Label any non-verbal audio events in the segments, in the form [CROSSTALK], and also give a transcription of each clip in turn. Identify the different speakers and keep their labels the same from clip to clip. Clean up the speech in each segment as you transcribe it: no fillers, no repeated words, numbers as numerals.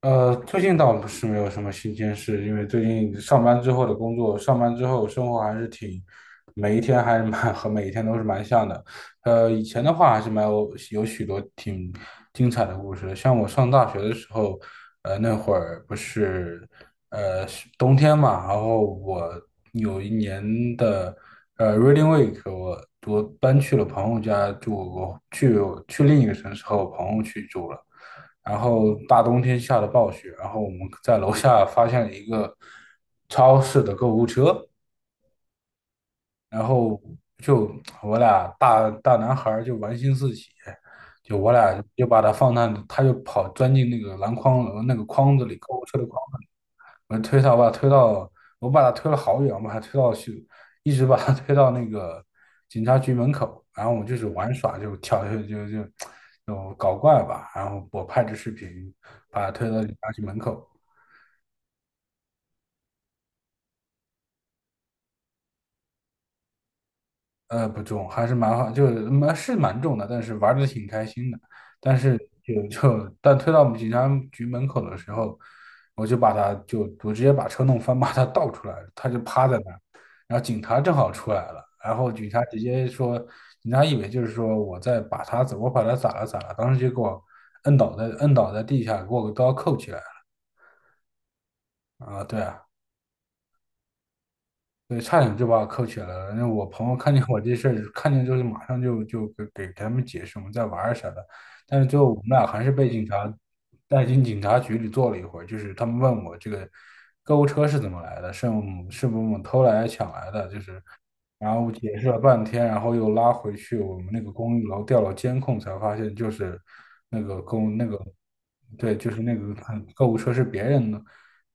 Speaker 1: 最近倒是没有什么新鲜事，因为最近上班之后的工作，上班之后生活还是挺，每一天还是蛮 [LAUGHS] 和每一天都是蛮像的。以前的话还是蛮有许多挺精彩的故事的，像我上大学的时候，呃，那会儿不是呃是冬天嘛，然后我有一年的Reading Week，我搬去了朋友家住，去另一个城市和我朋友去住了。然后大冬天下的暴雪，然后我们在楼下发现了一个超市的购物车，然后就我俩大男孩儿就玩心四起，就我俩就把它放那，他就跑钻进那个篮筐那个筐子里，购物车的筐。我推他，我把他推到，我把他推了好远，我把他推到去，一直把他推到那个警察局门口，然后我就是玩耍，就跳，就搞怪吧，然后我拍着视频把他推到警察局门口。不重，还是蛮好，就是蛮重的，但是玩的挺开心的。但是但推到我们警察局门口的时候，我就把他就我直接把车弄翻，[LAUGHS] 把他倒出来了，他就趴在那儿，然后警察正好出来了，然后警察直接说，警察以为就是说我把他咋了咋了，当时就给我摁倒在地下，给我个刀扣起来了啊，对啊。对，差点就把我扣起来了。那我朋友看见我这事儿，看见之后马上就给他们解释我们在玩儿啥的，但是最后我们俩还是被警察带进警察局里坐了一会儿。就是他们问我这个购物车是怎么来的，是我们是不是我们偷来抢来的，就是然后解释了半天，然后又拉回去我们那个公寓楼调了监控，才发现就是那个公那个，对，就是那个购物车是别人的。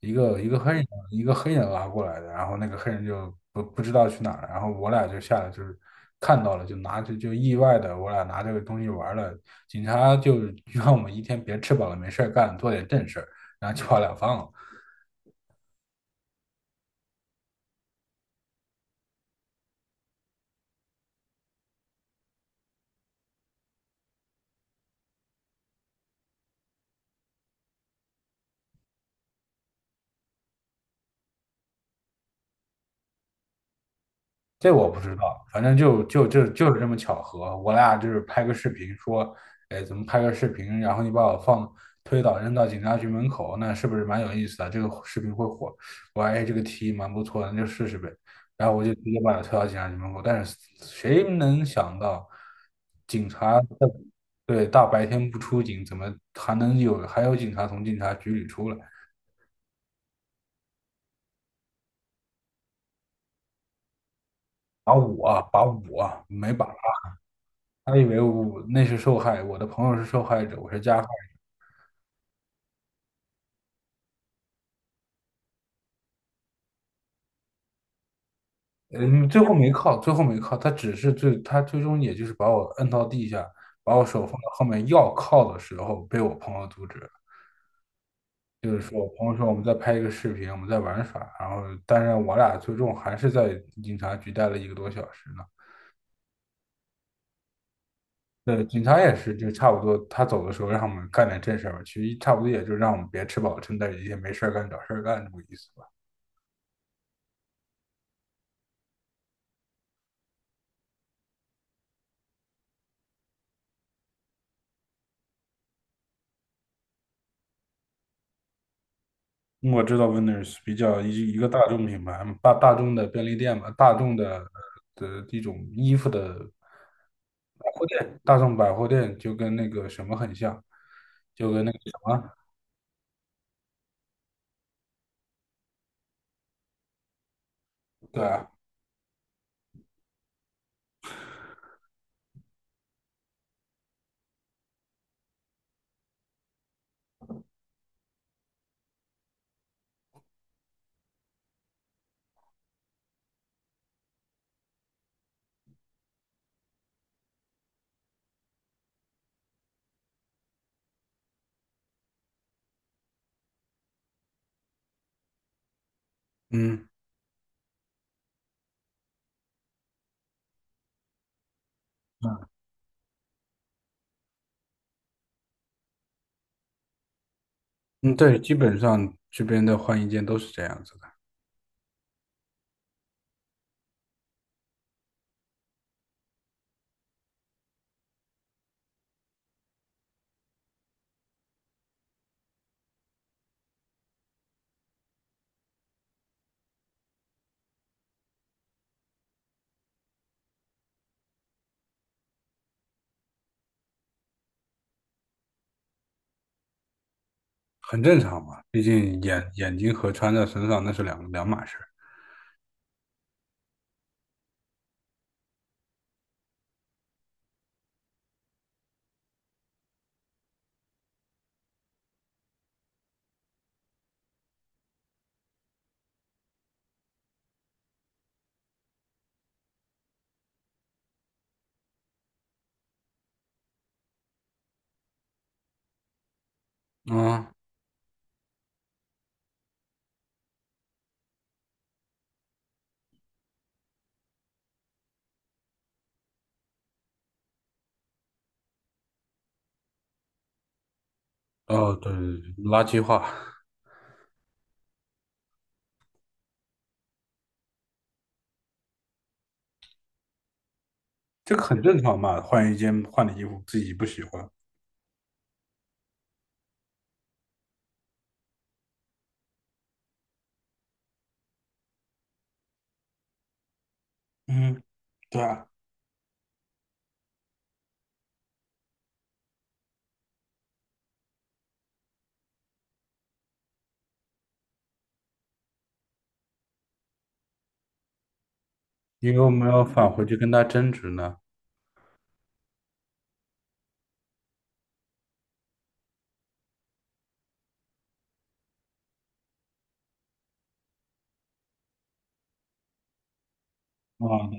Speaker 1: 一个黑人拉过来的，然后那个黑人就不知道去哪儿，然后我俩就下来就是看到了，就拿着就意外的我俩拿这个东西玩了，警察就 [LAUGHS] 让我们一天别吃饱了没事儿干，做点正事儿，然后就把我俩放了。这我不知道，反正就是这么巧合，我俩就是拍个视频说，哎，怎么拍个视频，然后你把我推倒扔到警察局门口，那是不是蛮有意思的？这个视频会火，我说哎，这个提议蛮不错的，那就试试呗。然后我就直接把他推到警察局门口，但是谁能想到，警察对大白天不出警，怎么还有警察从警察局里出来？把我把我没把他他以为我那是受害，我的朋友是受害者，我是加，嗯，最后没靠，他最终也就是把我摁到地下，把我手放到后面要靠的时候，被我朋友阻止了。就是说，我朋友说我们在拍一个视频，我们在玩耍，然后当然我俩最终还是在警察局待了一个多小时呢。对，警察也是，就差不多他走的时候让我们干点正事儿吧，其实差不多也就让我们别吃饱撑的，也没事儿干找事儿干这么个意思吧。我知道 Winners 比较一个大众品牌嘛，大众的便利店嘛，大众的一种衣服的百货店，大众百货店就跟那个什么很像，就跟那个什么，对啊。嗯嗯，嗯，对，基本上这边的换衣间都是这样子的，很正常嘛，毕竟眼睛和穿在身上那是两码事。嗯，哦，对，垃圾话，这个很正常嘛，换一件换的衣服自己不喜欢，嗯，对啊。因为我没有返回去跟他争执呢？啊，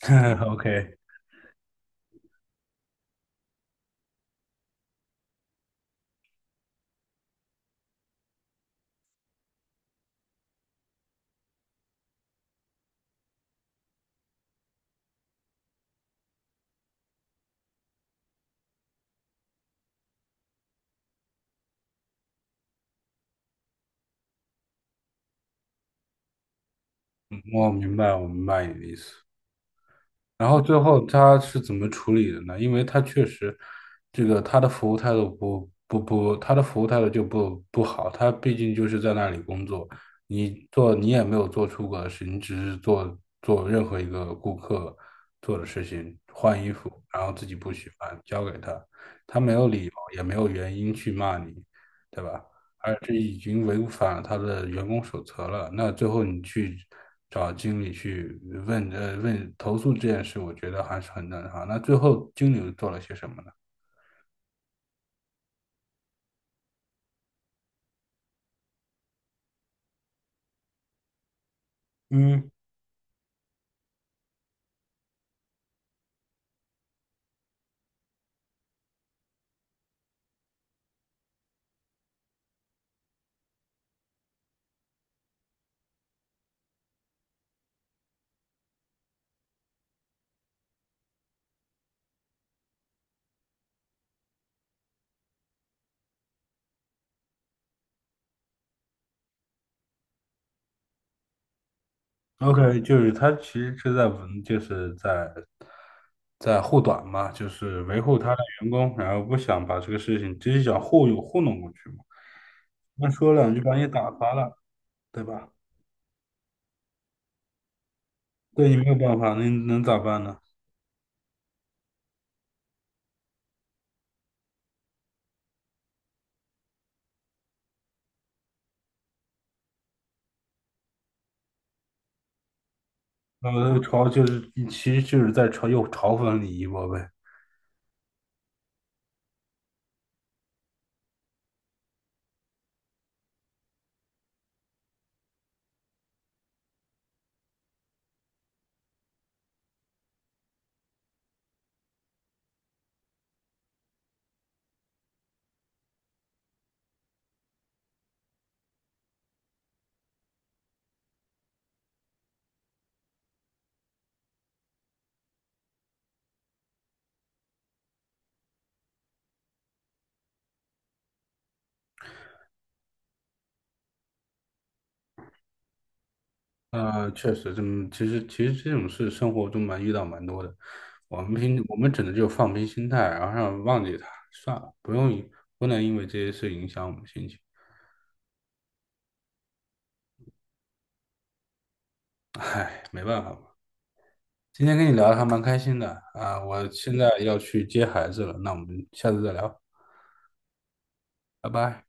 Speaker 1: 对，[LAUGHS] OK，嗯，我明白你的意思。然后最后他是怎么处理的呢？因为他确实，这个他的服务态度不，他的服务态度就不好。他毕竟就是在那里工作，你也没有做出格的事，你只是做做任何一个顾客做的事情，换衣服，然后自己不喜欢，交给他，他没有理由也没有原因去骂你，对吧？而这已经违反了他的员工手册了。那最后你去找经理去问投诉这件事，我觉得还是很正常。那最后经理又做了些什么呢？嗯，OK，就是他其实就是在在护短嘛，就是维护他的员工，然后不想把这个事情直接想糊弄过去嘛。那说两句把你打发了，对吧？对你没有办法，那你能咋办呢？呃，嘲就是其实就是在嘲讽你一波呗。确实这么，其实这种事生活中蛮遇到蛮多的。我们只能就放平心态，然后让忘记他，算了，不能因为这些事影响我们心情。唉，没办法嘛。今天跟你聊的还蛮开心的啊，我现在要去接孩子了，那我们下次再聊，拜拜。